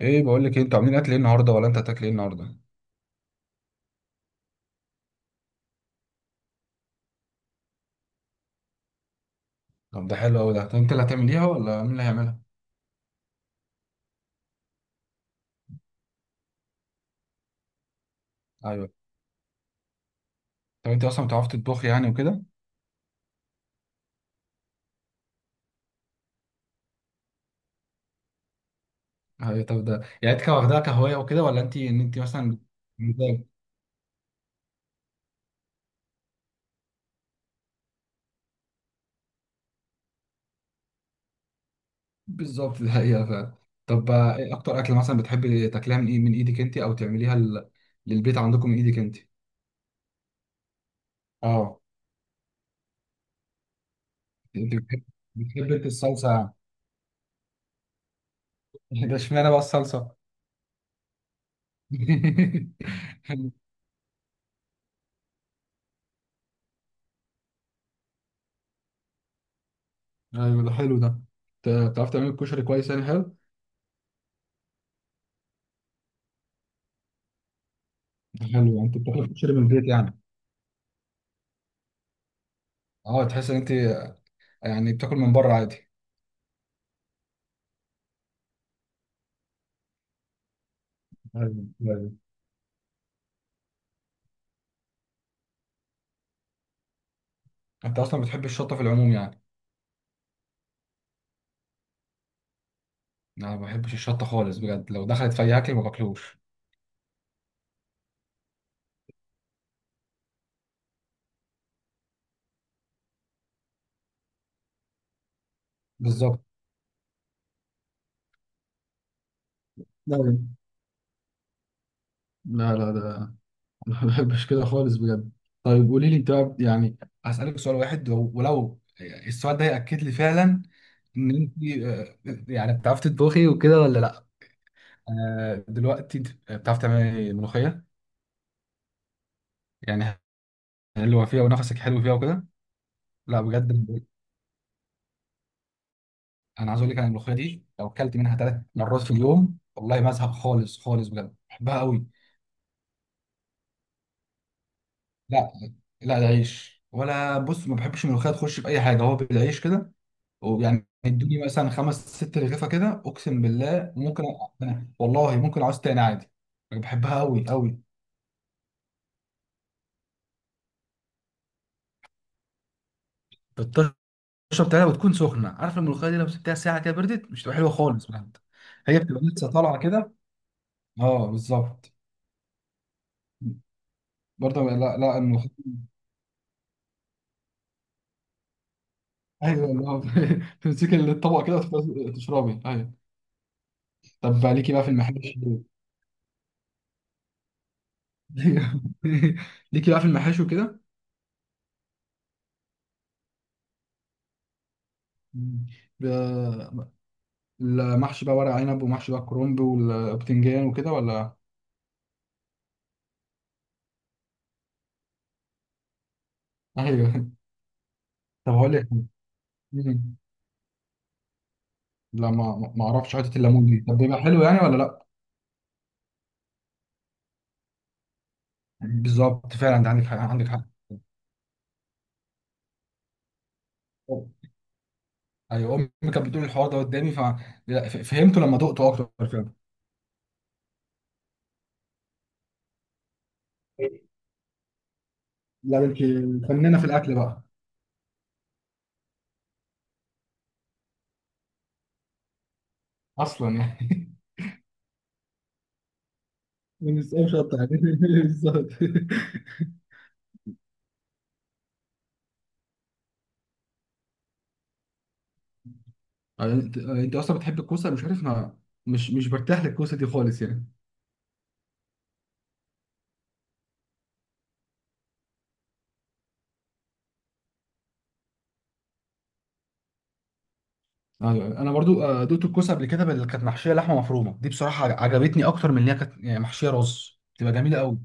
ايه بقول لك إيه، انتوا عاملين اكل ايه النهارده ولا انت هتاكل ايه النهارده؟ طب ده حلو قوي ده. طب انت اللي هتعمليها ولا مين اللي هيعملها؟ ايوه. طب انت اصلا بتعرفي تطبخي يعني وكده؟ ايوه. طب ده يعني انت واخدها كهوايه وكده ولا انت انت مثلا مزاج؟ بالظبط، ده هي فعلا. طب ايه اكتر اكل مثلا بتحبي تاكليها من ايه، من ايدك انت او تعمليها للبيت عندكم من ايدك انت؟ اه، انت بتحب انت الصلصه يعني ده اشمعنى بقى الصلصه؟ ايوه، ده حلو ده. بتعرف تعمل الكشري كويس يعني، حلو. حلو، يعني انت بتاكل كشري من البيت يعني. اه، تحس ان انت يعني بتاكل من بره عادي. ايوه، ايوه. انت اصلا بتحب الشطه في العموم يعني؟ انا ما بحبش الشطه خالص بجد، لو دخلت في اي اكل ما باكلوش. بالظبط. ايوه. لا، لا، ده ما بحبش كده خالص بجد. طيب قولي لي انت بقى يعني، هسألك سؤال واحد ولو السؤال ده يأكد لي فعلا ان انت، آه، يعني بتعرفي تطبخي وكده ولا لا. دلوقتي انت بتعرفي تعملي ملوخية يعني، حلوة فيها ونفسك حلو فيها وكده. لا بجد، انا عايز اقول لك، انا الملوخيه دي لو اكلت منها 3 مرات في اليوم والله ما ازهق خالص خالص، بجد بحبها قوي. لا، لا، ده عيش. ولا بص، ما بحبش الملوخيه تخش في اي حاجه، هو بالعيش كده. ويعني ادوني مثلا خمس ست رغيفه كده، اقسم بالله ممكن. أنا والله ممكن اعوز تاني عادي. بحبها قوي قوي. بتشرب تلاته وتكون سخنه، عارف؟ الملوخيه دي لو سبتها ساعه كده بردت مش تبقى حلوه خالص بجد. هي بتبقى لسه طالعه كده. اه بالظبط. برضه لا، لا، الملوخيه. ايوه، اللي هو تمسكي الطبق كده وتفضلي تشربي، ايوه. طب ليكي بقى في المحاشي؟ ايوه ليكي بقى في المحاشي وكده. مم. ب- المحشي بقى ورق عنب ومحشي بقى كرنب والبتنجان وكده ولا؟ ايوه طب هقول لك. مم. لا، ما اعرفش حته الليمون دي، طب بيبقى حلو يعني ولا لا؟ بالظبط فعلا، انت عندك حق، عندك حق. ايوه، امي كانت بتقول الحوار ده قدامي لا، فهمته لما دقته اكتر فعلا. لا، انت فنانه في الاكل بقى. اصلا يعني ما بيسقوش شط يعني بالظبط. انت اصلا بتحب الكوسه، مش عارف ما. مش برتاح للكوسه دي خالص يعني. ايوه انا برضو دقت الكوسه قبل كده، اللي كانت محشيه لحمه مفرومه دي بصراحه عجبتني اكتر من ان هي كانت يعني محشيه رز، تبقى جميله قوي.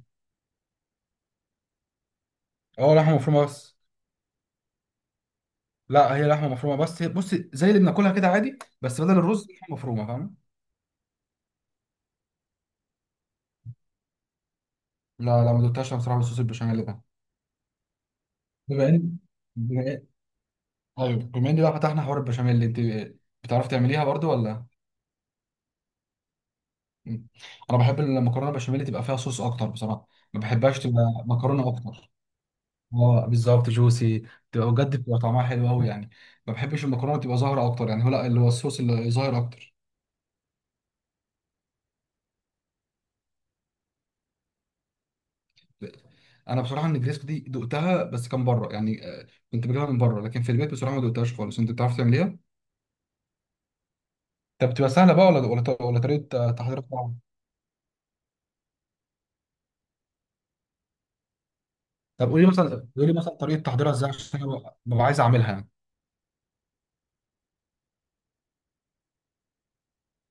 اه، لحمه مفرومه بس. لا، هي لحمه مفرومه بس، هي بص زي اللي بناكلها كده عادي بس بدل الرز لحمه مفرومه، فاهم؟ لا، لا، ما دقتهاش أنا بصراحه بالصوص البشاميل ده. بما ان بما إن- ايوه، بما ان بقى فتحنا حوار البشاميل اللي انت بتعرف تعمليها برضو ولا؟ مم. انا بحب المكرونه بشاميل تبقى فيها صوص اكتر بصراحه، ما بحبهاش تبقى مكرونه اكتر. اه بالظبط، جوسي. تبقى بجد بتبقى طعمها حلو قوي يعني. ما بحبش المكرونه تبقى ظاهره اكتر يعني، هو لا اللي هو الصوص اللي ظاهر اكتر. انا بصراحه النجريسكو دي دقتها بس كان بره يعني، كنت بجيبها من بره، لكن في البيت بصراحه ما دقتهاش خالص. انت بتعرف تعمليها؟ طب بتبقى سهله بقى ولا طريقه تحضيرها صعبه؟ طب قولي مثلا طريقه تحضيرها ازاي، عشان انا ببقى عايز اعملها يعني.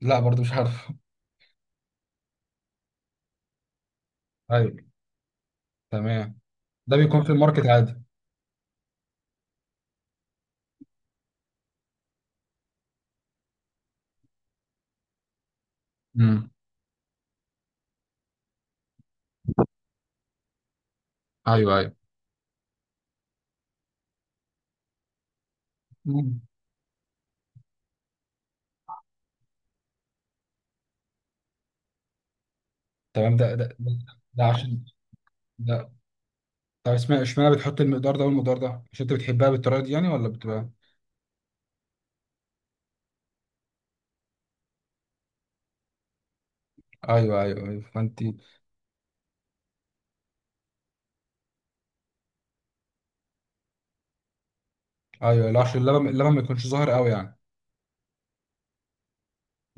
لا برضو مش عارف ايوه، تمام. ده بيكون في الماركت عادي. مم. ايوه، ايوه. مم. تمام. ده، ده عشان ده. طب اسمع، اشمعنى بتحط المقدار ده والمقدار ده؟ عشان انت بتحبها بالطريقه دي يعني ولا بتبقى؟ ايوه، ايوه، ايوه، فانت. ايوه، لا، عشان اللبن ما يكونش ظاهر قوي يعني.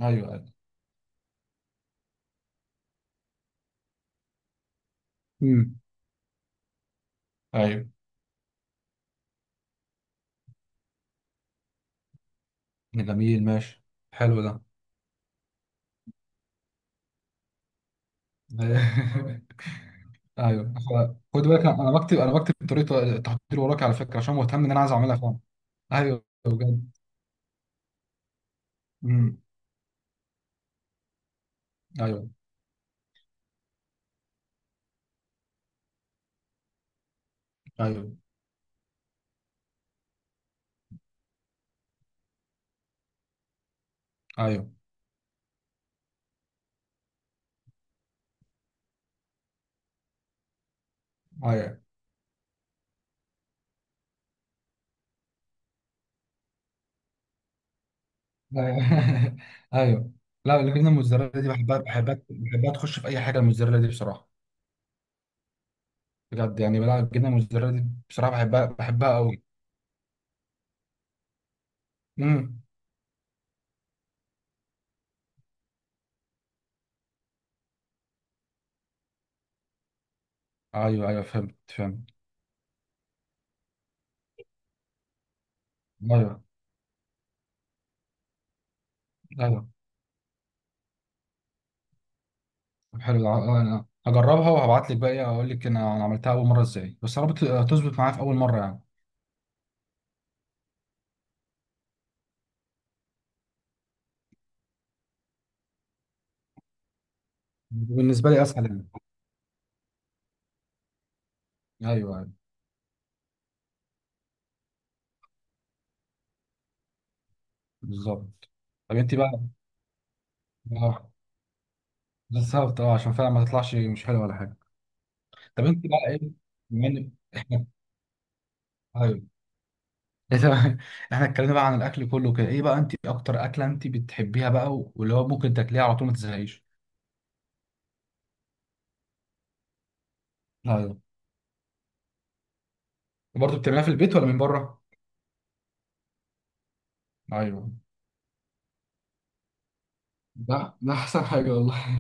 ايوه، ايوه. امم. ايوه. جميل، ماشي. حلو ده ايوه. خد بالك، أنا بكتب طريقه التحضير وراك على فكره، عشان مهتم ان انا عايز اعملها فعلا. ايوه بجد. امم. ايوه، ايوه، ايوه، ايوه، ايوه. ايوه. لا، الجبنه الموتزاريلا دي بحبها بحبها بحبها تخش في اي حاجه، الموتزاريلا دي بصراحه. بجد يعني بلا، الجبنه الموتزاريلا دي بصراحه بحبها بحبها قوي. امم. ايوه، ايوه، فهمت فهمت. ايوه، ايوه. طب حلو ده. انا هجربها وهبعت لك بقى ايه اقول لك، أنا عملتها اول مره ازاي، بس يا رب تظبط معايا في اول مره يعني. بالنسبه لي اسهل يعني. ايوه، ايوه. بالظبط. طب انت بقى، اه. بالظبط، اه، عشان فعلا ما تطلعش مش حلوه ولا حاجه. طب انت بقى ايه؟ بما إن- احنا، ايوه. إيه ده؟ احنا اتكلمنا بقى عن الاكل كله كده، ايه بقى انت اكتر اكله انت بتحبيها بقى واللي هو ممكن تاكليها على طول ما تزهقيش؟ ايوه. برضه بتعمليها في البيت ولا من بره؟ ايوه، ده احسن حاجه والله.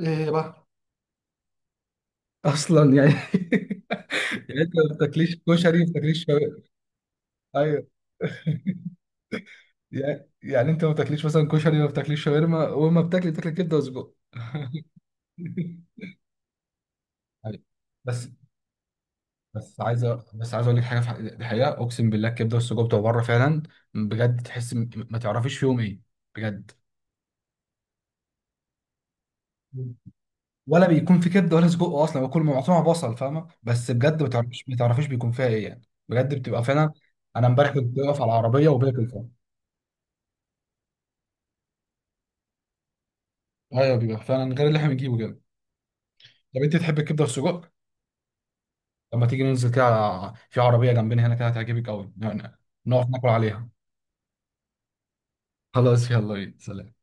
ايه بقى؟ اصلا يعني يعني انت ما بتاكليش كشري ما بتاكليش شاورما. ايوه. يعني انت ما بتاكليش مثلا كشري، ما بتاكليش شاورما، وما بتاكلي كبده وسجق أيوة. بس، بس عايز اقول لك حاجه في دي حقيقه، اقسم بالله الكبده والسجق بتوع بره فعلا. بجد تحس ما تعرفيش فيهم ايه. بجد. ولا بيكون في كبده ولا سجق اصلا، وكل ما معصومه بصل، فاهمه؟ بس بجد ما تعرفيش بيكون فيها ايه يعني. بجد بتبقى فعلا. انا امبارح كنت واقف على العربيه وباكل، فاهم؟ ايوه بيبقى فعلا غير اللي احنا بنجيبه كده. طب انت تحب الكبده والسجق؟ لما تيجي ننزل كده في عربيه جنبنا هنا كده هتعجبك قوي، نقعد ناكل عليها. خلاص يلا بينا، سلام.